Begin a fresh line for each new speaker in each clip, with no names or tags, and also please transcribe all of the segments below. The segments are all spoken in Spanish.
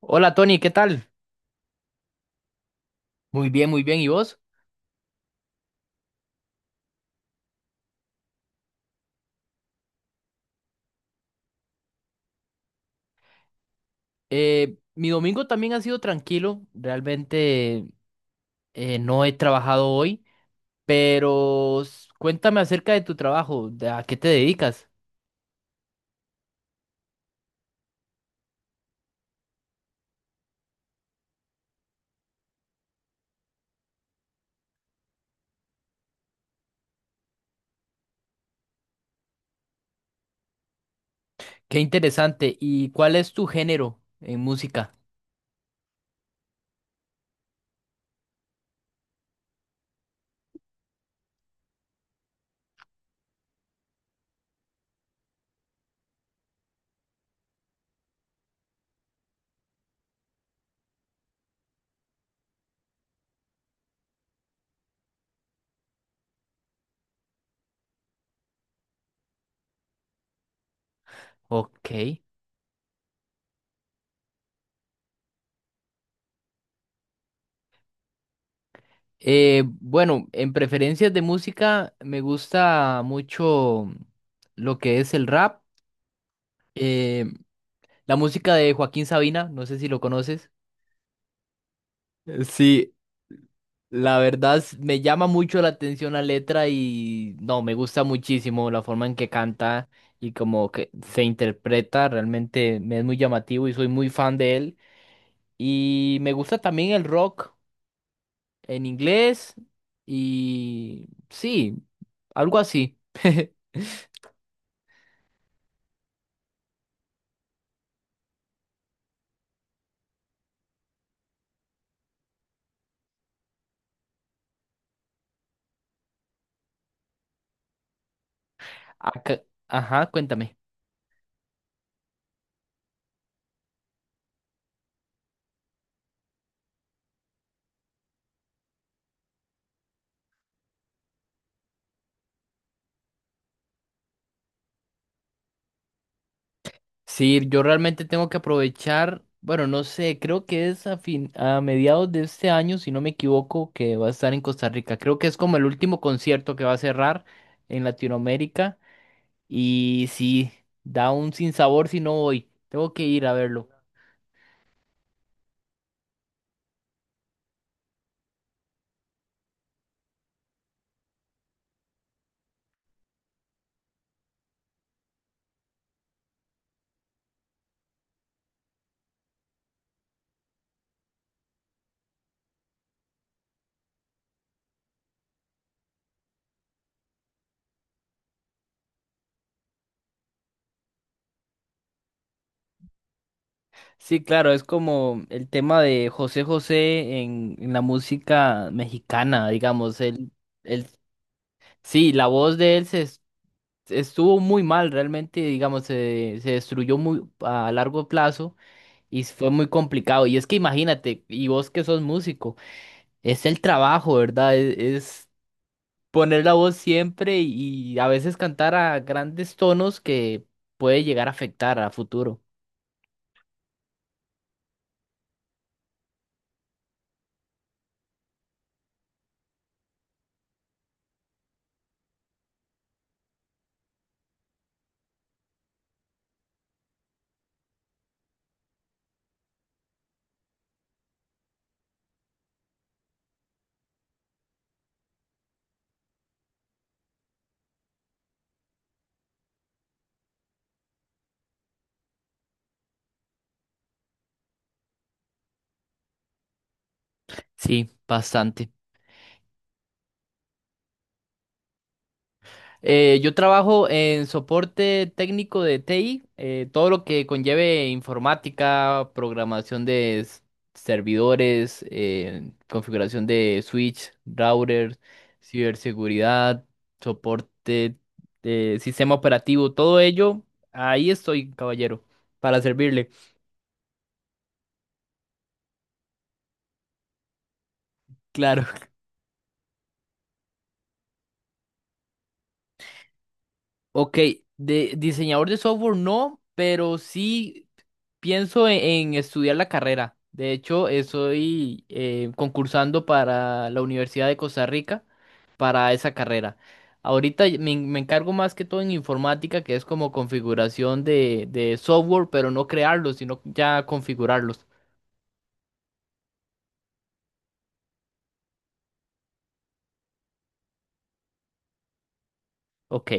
Hola Tony, ¿qué tal? Muy bien, muy bien. ¿Y vos? Mi domingo también ha sido tranquilo. Realmente no he trabajado hoy, pero cuéntame acerca de tu trabajo, de a qué te dedicas. Qué interesante. ¿Y cuál es tu género en música? Ok. Bueno, en preferencias de música me gusta mucho lo que es el rap, eh, la música de Joaquín Sabina, no sé si lo conoces. Sí, la verdad me llama mucho la atención la letra y no, me gusta muchísimo la forma en que canta y como que se interpreta, realmente me es muy llamativo y soy muy fan de él. Y me gusta también el rock en inglés y sí, algo así. Acá- Ajá, cuéntame. Sí, yo realmente tengo que aprovechar, bueno, no sé, creo que es a fin, a mediados de este año, si no me equivoco, que va a estar en Costa Rica. Creo que es como el último concierto que va a cerrar en Latinoamérica y sí, da un sinsabor si no voy. Tengo que ir a verlo. Sí, claro, es como el tema de José José en la música mexicana, digamos, él, sí, la voz de él se estuvo muy mal realmente, digamos, se destruyó muy a largo plazo y fue muy complicado. Y es que imagínate, y vos que sos músico, es el trabajo, ¿verdad? Es poner la voz siempre y a veces cantar a grandes tonos que puede llegar a afectar a futuro. Sí, bastante. Yo trabajo en soporte técnico de TI, todo lo que conlleve informática, programación de servidores, configuración de switch, routers, ciberseguridad, soporte de sistema operativo, todo ello. Ahí estoy, caballero, para servirle. Claro. Ok, de diseñador de software no, pero sí. Pienso en estudiar la carrera. De hecho, estoy concursando para la Universidad de Costa Rica para esa carrera. Ahorita me, me encargo más que todo en informática, que es como configuración de software, pero no crearlos, sino ya configurarlos. Ok.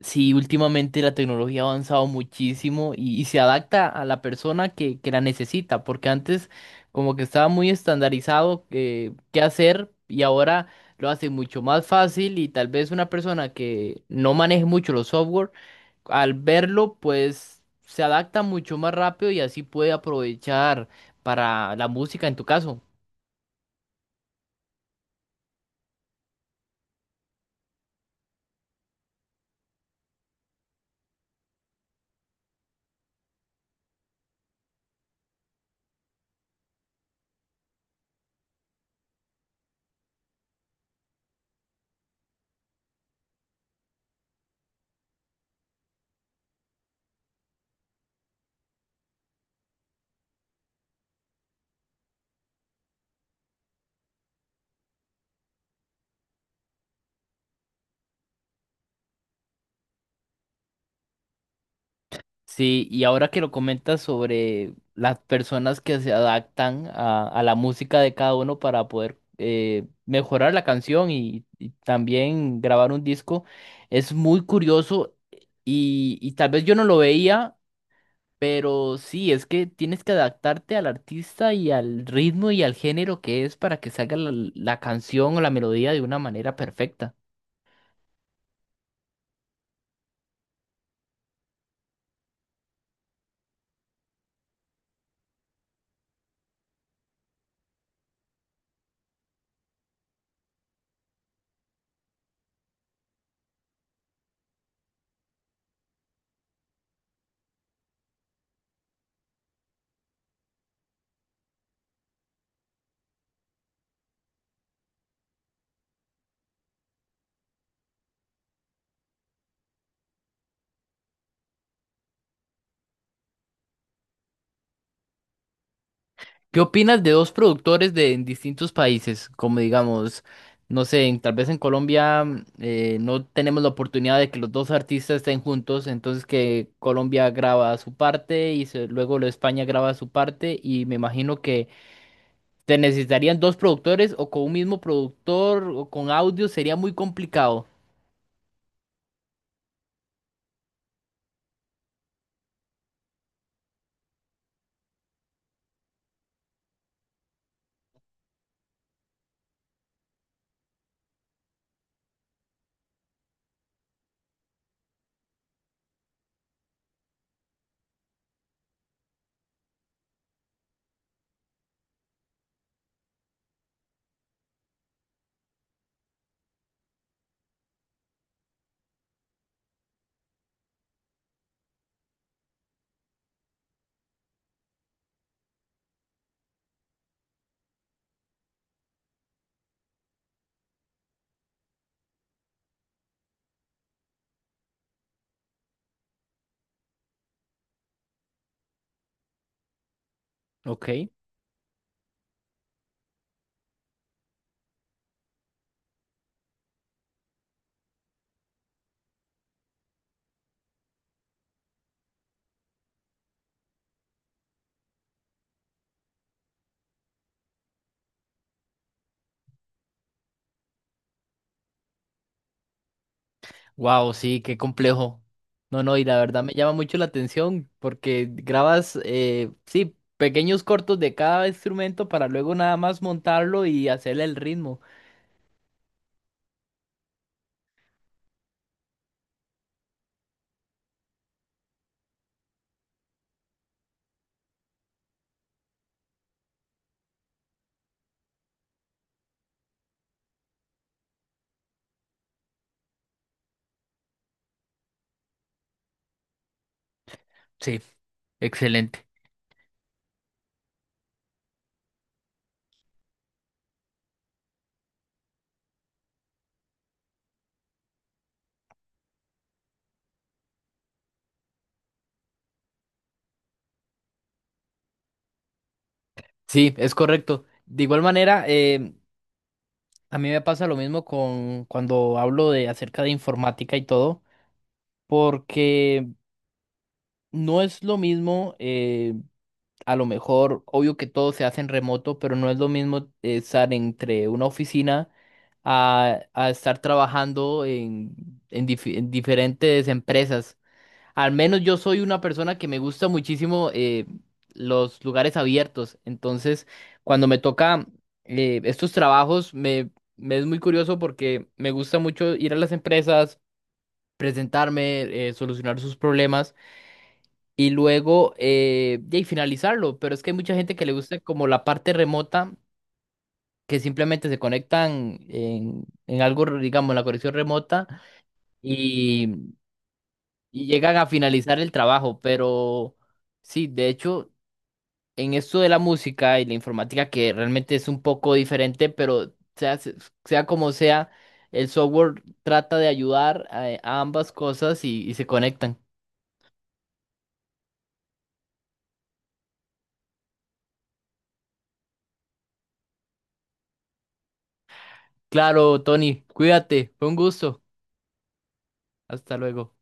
Sí, últimamente la tecnología ha avanzado muchísimo y se adapta a la persona que la necesita, porque antes como que estaba muy estandarizado qué hacer y ahora lo hace mucho más fácil y tal vez una persona que no maneje mucho los software, al verlo pues se adapta mucho más rápido y así puede aprovechar para la música en tu caso. Sí, y ahora que lo comentas sobre las personas que se adaptan a la música de cada uno para poder mejorar la canción y también grabar un disco, es muy curioso y tal vez yo no lo veía, pero sí, es que tienes que adaptarte al artista y al ritmo y al género que es para que salga la canción o la melodía de una manera perfecta. ¿Qué opinas de dos productores de en distintos países? Como digamos, no sé, tal vez en Colombia no tenemos la oportunidad de que los dos artistas estén juntos, entonces que Colombia graba su parte y luego lo de España graba su parte y me imagino que te necesitarían dos productores o con un mismo productor o con audio sería muy complicado. Ok. Wow, sí, qué complejo. No, no, y la verdad me llama mucho la atención porque grabas, sí, pequeños cortos de cada instrumento para luego nada más montarlo y hacerle el ritmo. Sí, excelente. Sí, es correcto. De igual manera, a mí me pasa lo mismo con cuando hablo de acerca de informática y todo, porque no es lo mismo. A lo mejor, obvio que todo se hace en remoto, pero no es lo mismo estar entre una oficina a estar trabajando en en diferentes empresas. Al menos yo soy una persona que me gusta muchísimo los lugares abiertos. Entonces, cuando me toca estos trabajos, me es muy curioso porque me gusta mucho ir a las empresas, presentarme, solucionar sus problemas y luego de ahí finalizarlo. Pero es que hay mucha gente que le gusta como la parte remota, que simplemente se conectan en algo, digamos, en la conexión remota y, y llegan a finalizar el trabajo. Pero sí, de hecho, en esto de la música y la informática, que realmente es un poco diferente, pero sea, sea como sea, el software trata de ayudar a ambas cosas y se conectan. Claro, Tony, cuídate, fue un gusto. Hasta luego.